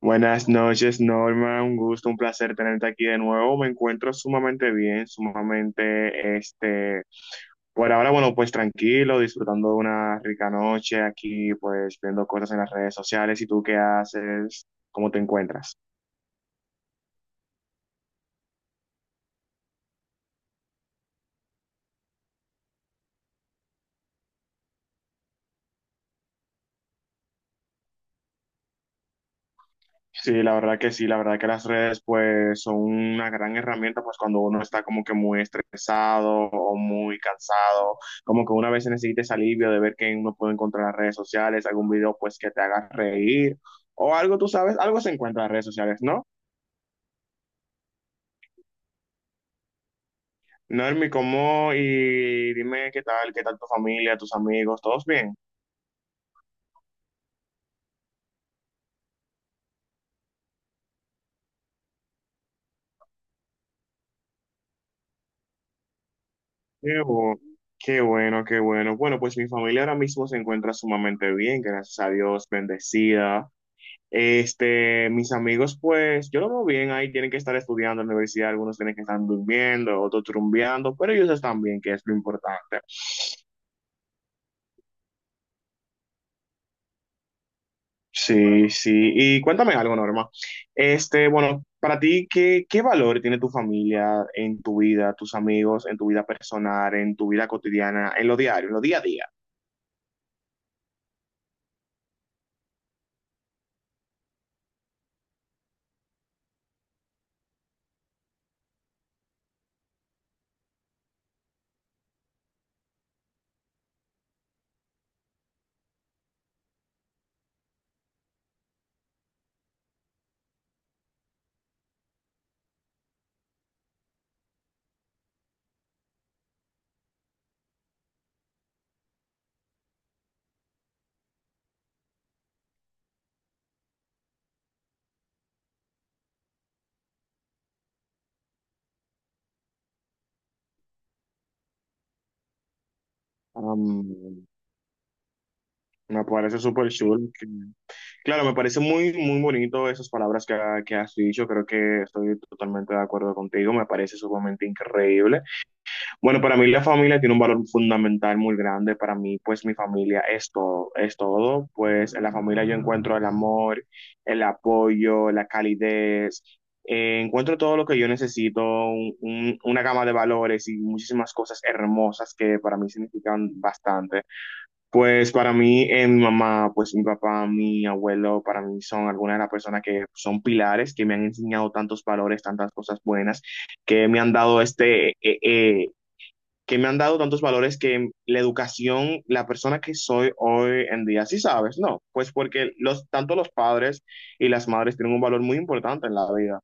Buenas noches, Norma. Un gusto, un placer tenerte aquí de nuevo. Me encuentro sumamente bien, por ahora, bueno, pues tranquilo, disfrutando de una rica noche aquí, pues viendo cosas en las redes sociales. ¿Y tú qué haces? ¿Cómo te encuentras? Sí, la verdad que sí, la verdad que las redes pues son una gran herramienta pues cuando uno está como que muy estresado o muy cansado, como que una vez necesita ese alivio de ver que uno puede encontrar en las redes sociales, algún video pues que te haga reír o algo, tú sabes, algo se encuentra en las redes sociales, ¿no? Normi, ¿cómo? Y dime qué tal tu familia, tus amigos, ¿todos bien? Qué bu- Qué bueno, qué bueno. Bueno, pues mi familia ahora mismo se encuentra sumamente bien, gracias a Dios, bendecida. Mis amigos, pues, yo lo veo bien ahí, tienen que estar estudiando en la universidad, algunos tienen que estar durmiendo, otros trumbeando, pero ellos están bien, que es lo importante. Sí, sí. Y cuéntame algo, Norma. Bueno, para ti, ¿qué, qué valor tiene tu familia en tu vida, tus amigos, en tu vida personal, en tu vida cotidiana, en lo diario, en lo día a día? Me parece súper chulo. Claro, me parece muy, muy bonito esas palabras que has dicho. Creo que estoy totalmente de acuerdo contigo. Me parece sumamente increíble. Bueno, para mí la familia tiene un valor fundamental muy grande. Para mí, pues mi familia es todo, es todo. Pues en la familia yo encuentro el amor, el apoyo, la calidez. Encuentro todo lo que yo necesito, una gama de valores y muchísimas cosas hermosas que para mí significan bastante. Pues para mí, mi mamá, pues mi papá, mi abuelo, para mí son algunas de las personas que son pilares, que me han enseñado tantos valores, tantas cosas buenas, que me han dado que me han dado tantos valores que la educación, la persona que soy hoy en día, sí sabes, ¿no? Pues porque los, tanto los padres y las madres tienen un valor muy importante en la vida.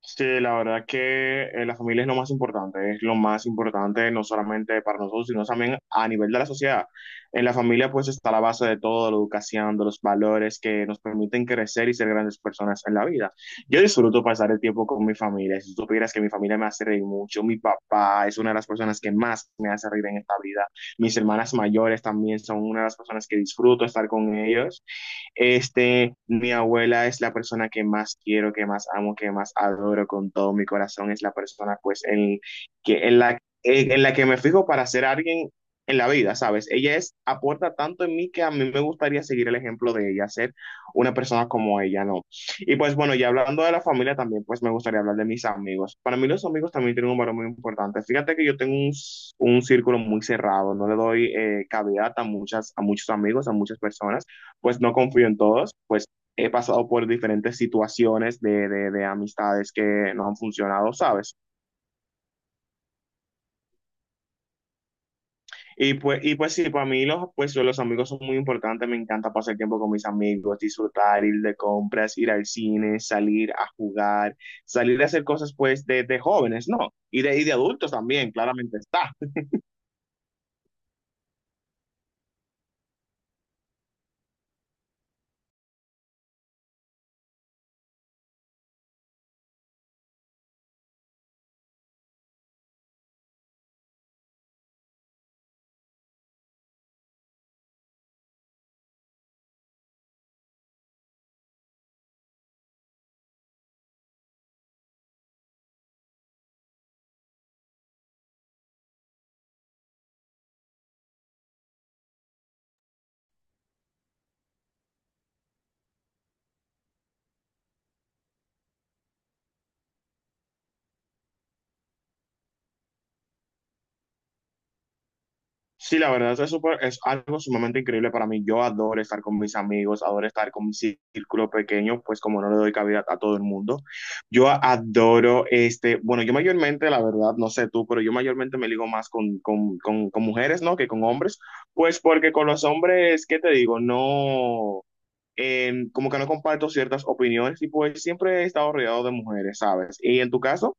Sí, la verdad que la familia es lo más importante, es lo más importante no solamente para nosotros, sino también a nivel de la sociedad. En la familia pues está la base de todo, la educación, de los valores que nos permiten crecer y ser grandes personas en la vida. Yo disfruto pasar el tiempo con mi familia, si supieras que mi familia me hace reír mucho, mi papá es una de las personas que más me hace reír en esta vida, mis hermanas mayores también son una de las personas que disfruto estar con ellos. Mi abuela es la persona que más quiero, que más amo, que más adoro con todo mi corazón. Es la persona, pues, en, que, en la que me fijo para ser alguien en la vida, ¿sabes? Ella es, aporta tanto en mí que a mí me gustaría seguir el ejemplo de ella, ser una persona como ella, ¿no? Y pues bueno, ya hablando de la familia también, pues me gustaría hablar de mis amigos. Para mí los amigos también tienen un valor muy importante. Fíjate que yo tengo un círculo muy cerrado, no le doy cabida a muchos amigos, a muchas personas pues no confío en todos, pues he pasado por diferentes situaciones de amistades que no han funcionado, ¿sabes? Y pues sí, para mí los, pues, los amigos son muy importantes, me encanta pasar tiempo con mis amigos, disfrutar, ir de compras, ir al cine, salir a jugar, salir a hacer cosas pues de jóvenes, ¿no? Y de adultos también, claramente está. Sí, la verdad es, es algo sumamente increíble para mí. Yo adoro estar con mis amigos, adoro estar con mi círculo pequeño, pues como no le doy cabida a todo el mundo. Yo adoro, este, bueno, yo mayormente, la verdad, no sé tú, pero yo mayormente me ligo más con mujeres, ¿no? Que con hombres, pues porque con los hombres, ¿qué te digo? No, como que no comparto ciertas opiniones y pues siempre he estado rodeado de mujeres, ¿sabes? ¿Y en tu caso?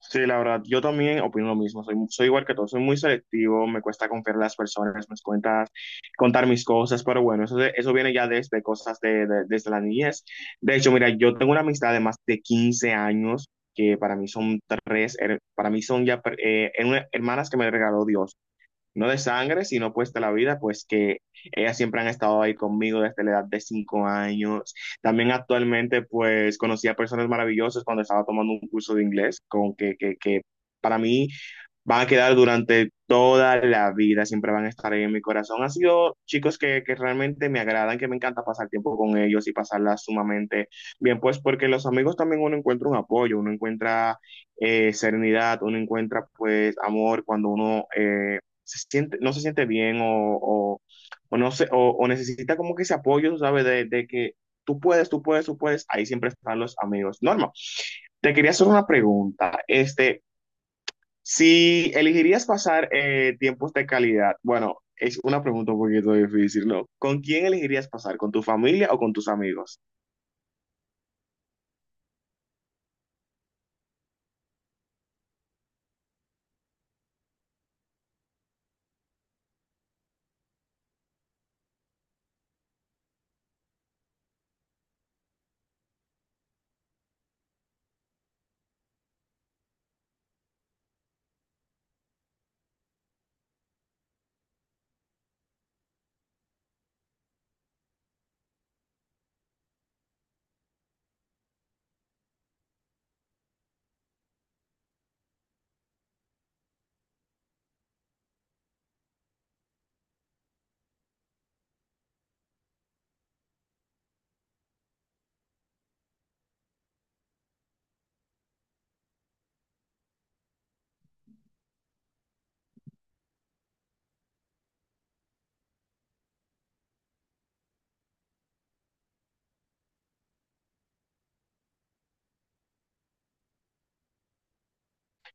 Sí, la verdad, yo también opino lo mismo, soy igual que todos, soy muy selectivo, me cuesta confiar en las personas, me cuesta contar mis cosas, pero bueno, eso viene ya desde cosas desde la niñez. De hecho, mira, yo tengo una amistad de más de 15 años, que para mí son hermanas que me regaló Dios no de sangre, sino pues de la vida, pues que ellas siempre han estado ahí conmigo desde la edad de 5 años. También actualmente pues conocí a personas maravillosas cuando estaba tomando un curso de inglés, con que para mí van a quedar durante toda la vida, siempre van a estar ahí en mi corazón. Han sido chicos que realmente me agradan, que me encanta pasar tiempo con ellos y pasarla sumamente bien, pues porque los amigos también uno encuentra un apoyo, uno encuentra serenidad, uno encuentra pues amor cuando uno se siente, no se siente bien o no sé, o necesita como que ese apoyo, ¿sabes? De que tú puedes, ahí siempre están los amigos. Norma, te quería hacer una pregunta. Si elegirías pasar tiempos de calidad, bueno, es una pregunta un poquito difícil, ¿no? ¿Con quién elegirías pasar? ¿Con tu familia o con tus amigos?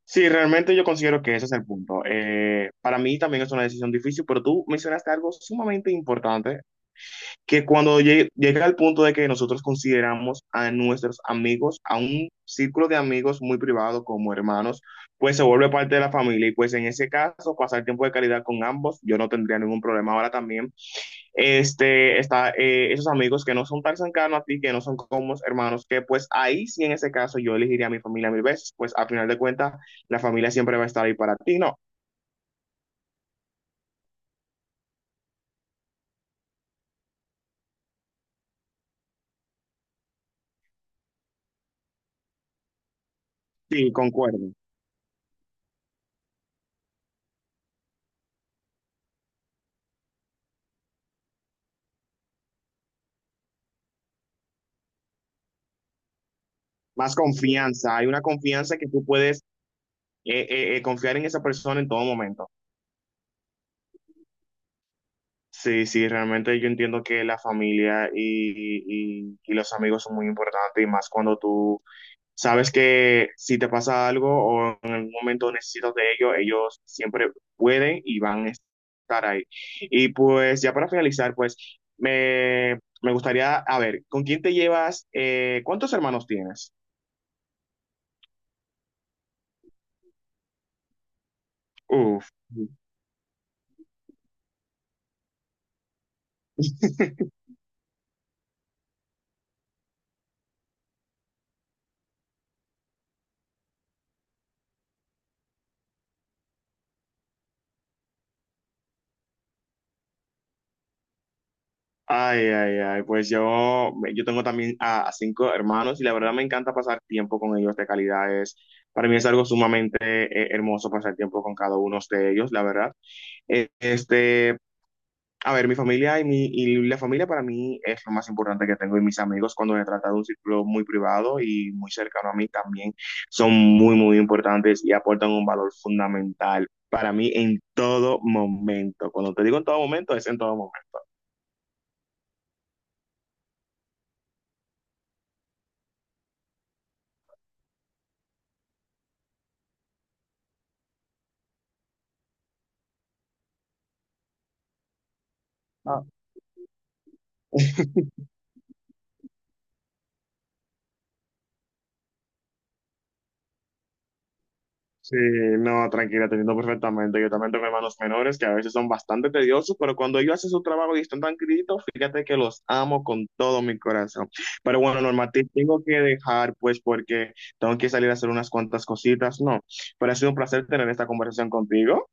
Sí, realmente yo considero que ese es el punto. Para mí también es una decisión difícil, pero tú mencionaste algo sumamente importante que cuando llega al punto de que nosotros consideramos a nuestros amigos, a un círculo de amigos muy privado como hermanos, pues se vuelve parte de la familia y pues en ese caso pasar tiempo de calidad con ambos, yo no tendría ningún problema ahora también. Este, está Esos amigos que no son tan cercanos a ti, que no son como hermanos, que pues ahí sí en ese caso yo elegiría a mi familia mil veces, pues al final de cuentas la familia siempre va a estar ahí para ti, ¿no? Sí, concuerdo. Más confianza, hay una confianza que tú puedes confiar en esa persona en todo momento. Sí, sí, realmente yo entiendo que la familia y los amigos son muy importantes y más cuando tú sabes que si te pasa algo o en algún momento necesitas de ellos, ellos siempre pueden y van a estar ahí. Y pues ya para finalizar, pues me, me gustaría, a ver, ¿con quién te llevas? ¿Cuántos hermanos tienes? Uf. Ay, ay, ay, pues yo tengo también a cinco hermanos y la verdad me encanta pasar tiempo con ellos de calidad. Para mí es algo sumamente hermoso pasar tiempo con cada uno de ellos, la verdad. Eh, este, a ver, mi familia y, mi, y la familia para mí es lo más importante que tengo y mis amigos cuando se trata de un círculo muy privado y muy cercano a mí también son muy, muy importantes y aportan un valor fundamental para mí en todo momento. Cuando te digo en todo momento, es en todo momento. Sí, no, tranquila, te entiendo perfectamente. Yo también tengo hermanos menores que a veces son bastante tediosos, pero cuando ellos hacen su trabajo y están tan tranquilitos, fíjate que los amo con todo mi corazón. Pero bueno, Norma, te tengo que dejar, pues, porque tengo que salir a hacer unas cuantas cositas, ¿no? Pero ha sido un placer tener esta conversación contigo.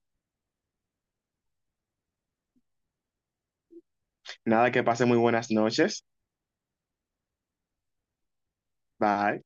Nada, que pase muy buenas noches. Bye.